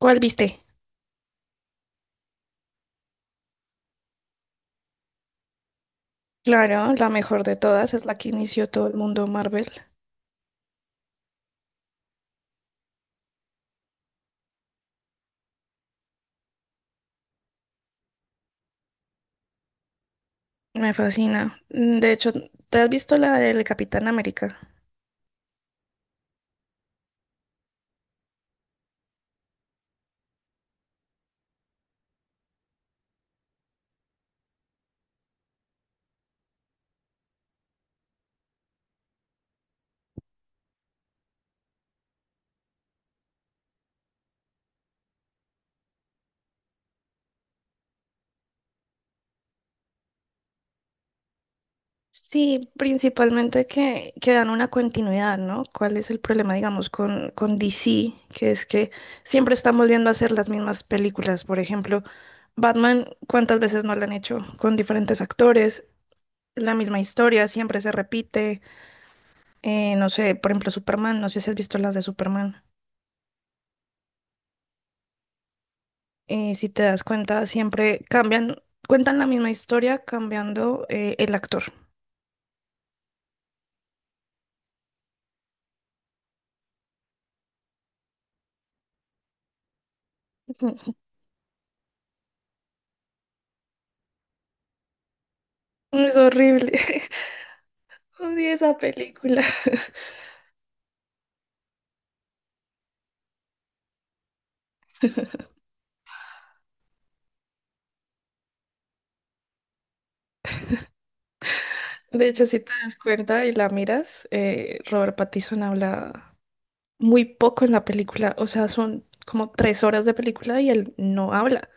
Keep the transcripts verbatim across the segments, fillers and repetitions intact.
¿Cuál viste? Claro, la mejor de todas es la que inició todo el mundo Marvel. Me fascina. De hecho, ¿te has visto la del Capitán América? Sí, principalmente que, que dan una continuidad, ¿no? ¿Cuál es el problema, digamos, con, con D C? Que es que siempre están volviendo a hacer las mismas películas. Por ejemplo, Batman, ¿cuántas veces no la han hecho con diferentes actores? La misma historia siempre se repite. Eh, no sé, por ejemplo, Superman, no sé si has visto las de Superman. Eh, si te das cuenta, siempre cambian, cuentan la misma historia cambiando eh, el actor. Es horrible. Odio esa película. De hecho, si te das cuenta y la miras, eh, Robert Pattinson habla muy poco en la película. O sea, son como tres horas de película y él no habla.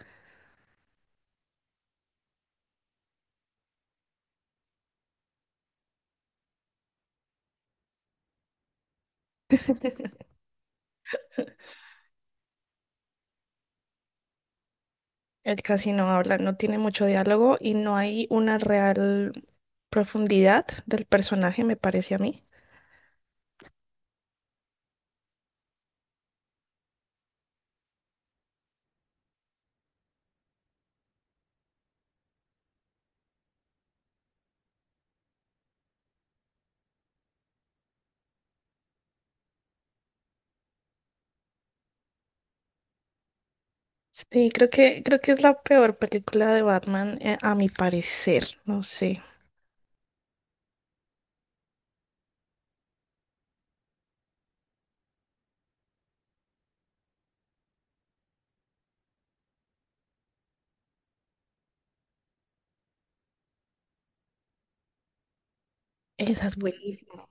Él casi no habla, no tiene mucho diálogo y no hay una real profundidad del personaje, me parece a mí. Sí, creo que, creo que es la peor película de Batman, eh, a mi parecer, no sé. Esa es buenísima.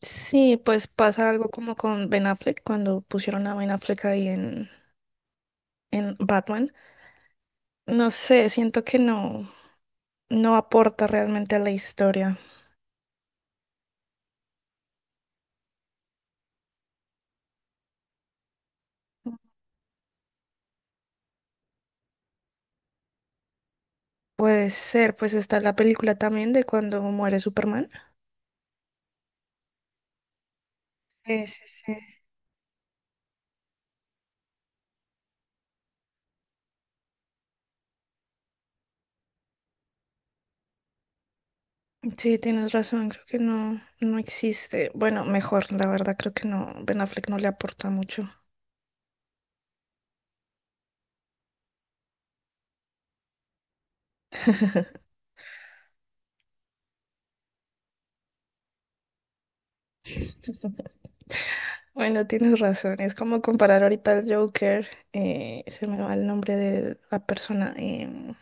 Sí, pues pasa algo como con Ben Affleck cuando pusieron a Ben Affleck ahí en, en Batman. No sé, siento que no, no aporta realmente a la historia. Puede ser, pues está la película también de cuando muere Superman. Sí, sí, sí. Sí, tienes razón, creo que no, no existe. Bueno, mejor, la verdad, creo que no, Ben Affleck no le aporta mucho. Bueno, tienes razón, es como comparar ahorita al Joker, eh, se me va el nombre de la persona. em,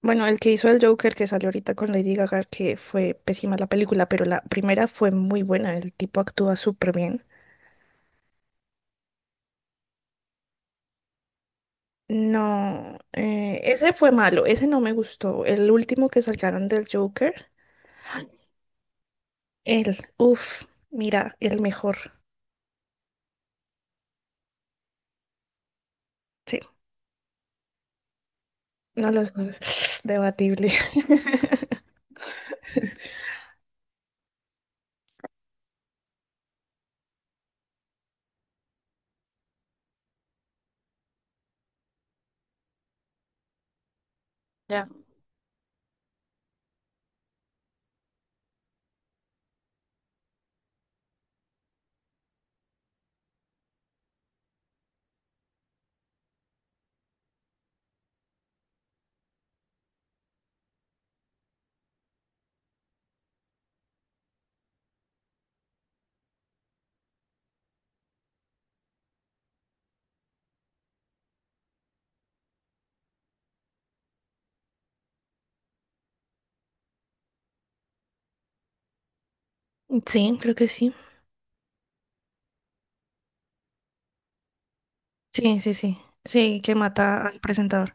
Bueno, el que hizo el Joker que salió ahorita con Lady Gaga, que fue pésima la película, pero la primera fue muy buena, el tipo actúa súper bien. No, eh, ese fue malo, ese no me gustó. El último que sacaron del Joker, el, uff, mira, el mejor. Sí, no los dos, debatible. Ya. Sí, creo que sí. Sí, sí, sí. Sí, que mata al presentador.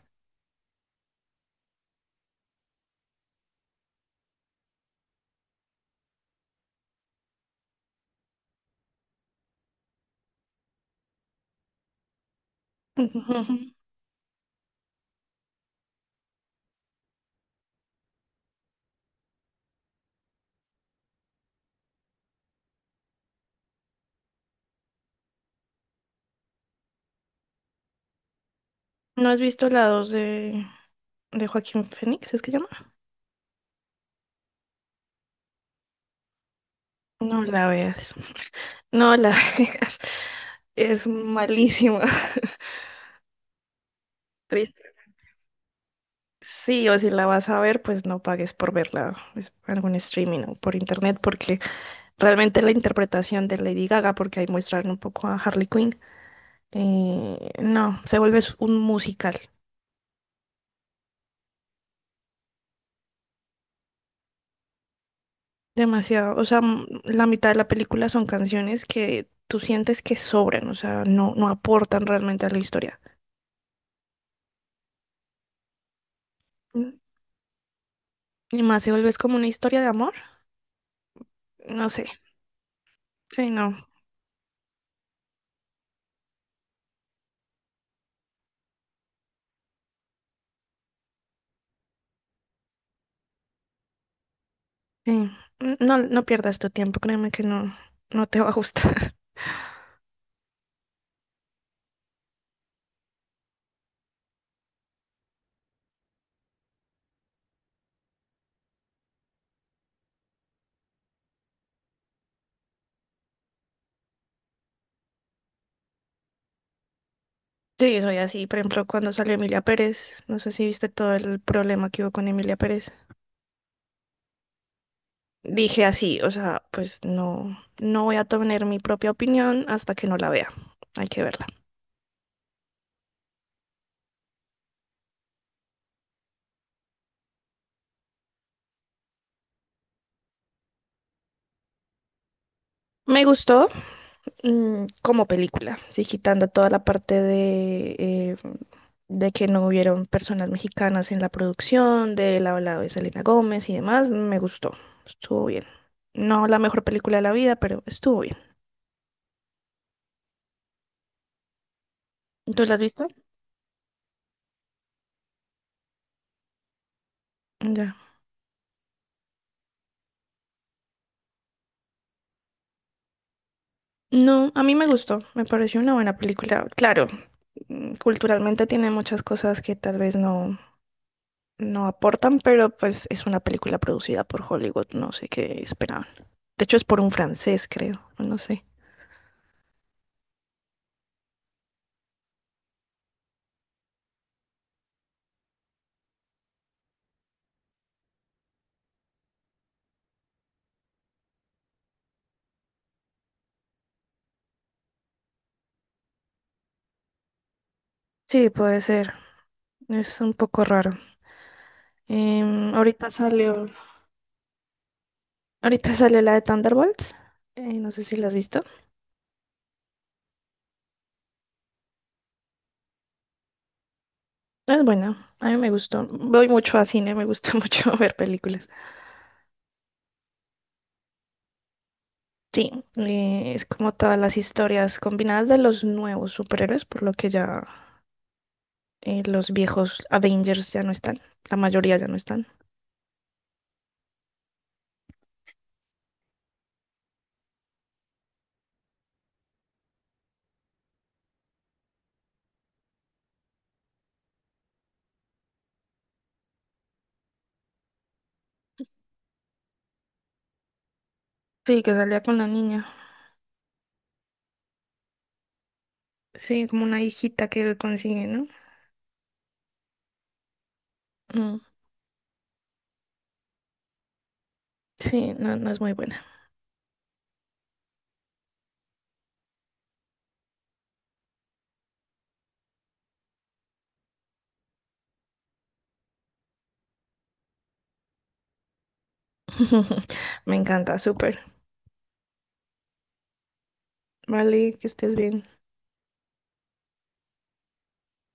Ujú. Ujú. ¿No has visto la dos de, de Joaquín Phoenix? ¿Es que llama? No la veas. No la veas. Es malísima. Triste. Sí, o si la vas a ver, pues no pagues por verla pues, algún streaming o por internet, porque realmente la interpretación de Lady Gaga, porque ahí muestran un poco a Harley Quinn, eh, no, se vuelve s- un musical. Demasiado, o sea, m- la mitad de la película son canciones que tú sientes que sobran, o sea, no, no aportan realmente a la historia. Mm, Y más se vuelve es como una historia de amor, no sé, sí, no, sí. N- No, no pierdas tu tiempo, créeme que no, no te va a gustar. Sí, soy así. Por ejemplo, cuando salió Emilia Pérez, no sé si viste todo el problema que hubo con Emilia Pérez. Dije así, o sea, pues no, no voy a tener mi propia opinión hasta que no la vea. Hay que verla. Me gustó mm, como película, sí, quitando toda la parte de, eh, de que no hubieron personas mexicanas en la producción, del hablado de Selena Gómez y demás, me gustó. Estuvo bien. No la mejor película de la vida, pero estuvo bien. ¿Tú la has visto? Ya. No, a mí me gustó, me pareció una buena película. Claro, mm, culturalmente tiene muchas cosas que tal vez no, no aportan, pero pues es una película producida por Hollywood, no sé qué esperaban. De hecho es por un francés, creo, o no sé. Sí, puede ser. Es un poco raro. Em, ahorita salió, Ahorita salió la de Thunderbolts. Eh, no sé si la has visto. Es buena, a mí me gustó. Voy mucho a cine, me gusta mucho ver películas. Sí, eh, es como todas las historias combinadas de los nuevos superhéroes, por lo que ya eh, los viejos Avengers ya no están, la mayoría ya no están. Sí, que salía con la niña. Sí, como una hijita que él consigue, ¿no? Mm, sí, no, no es muy buena. Me encanta, súper. Vale, que estés bien.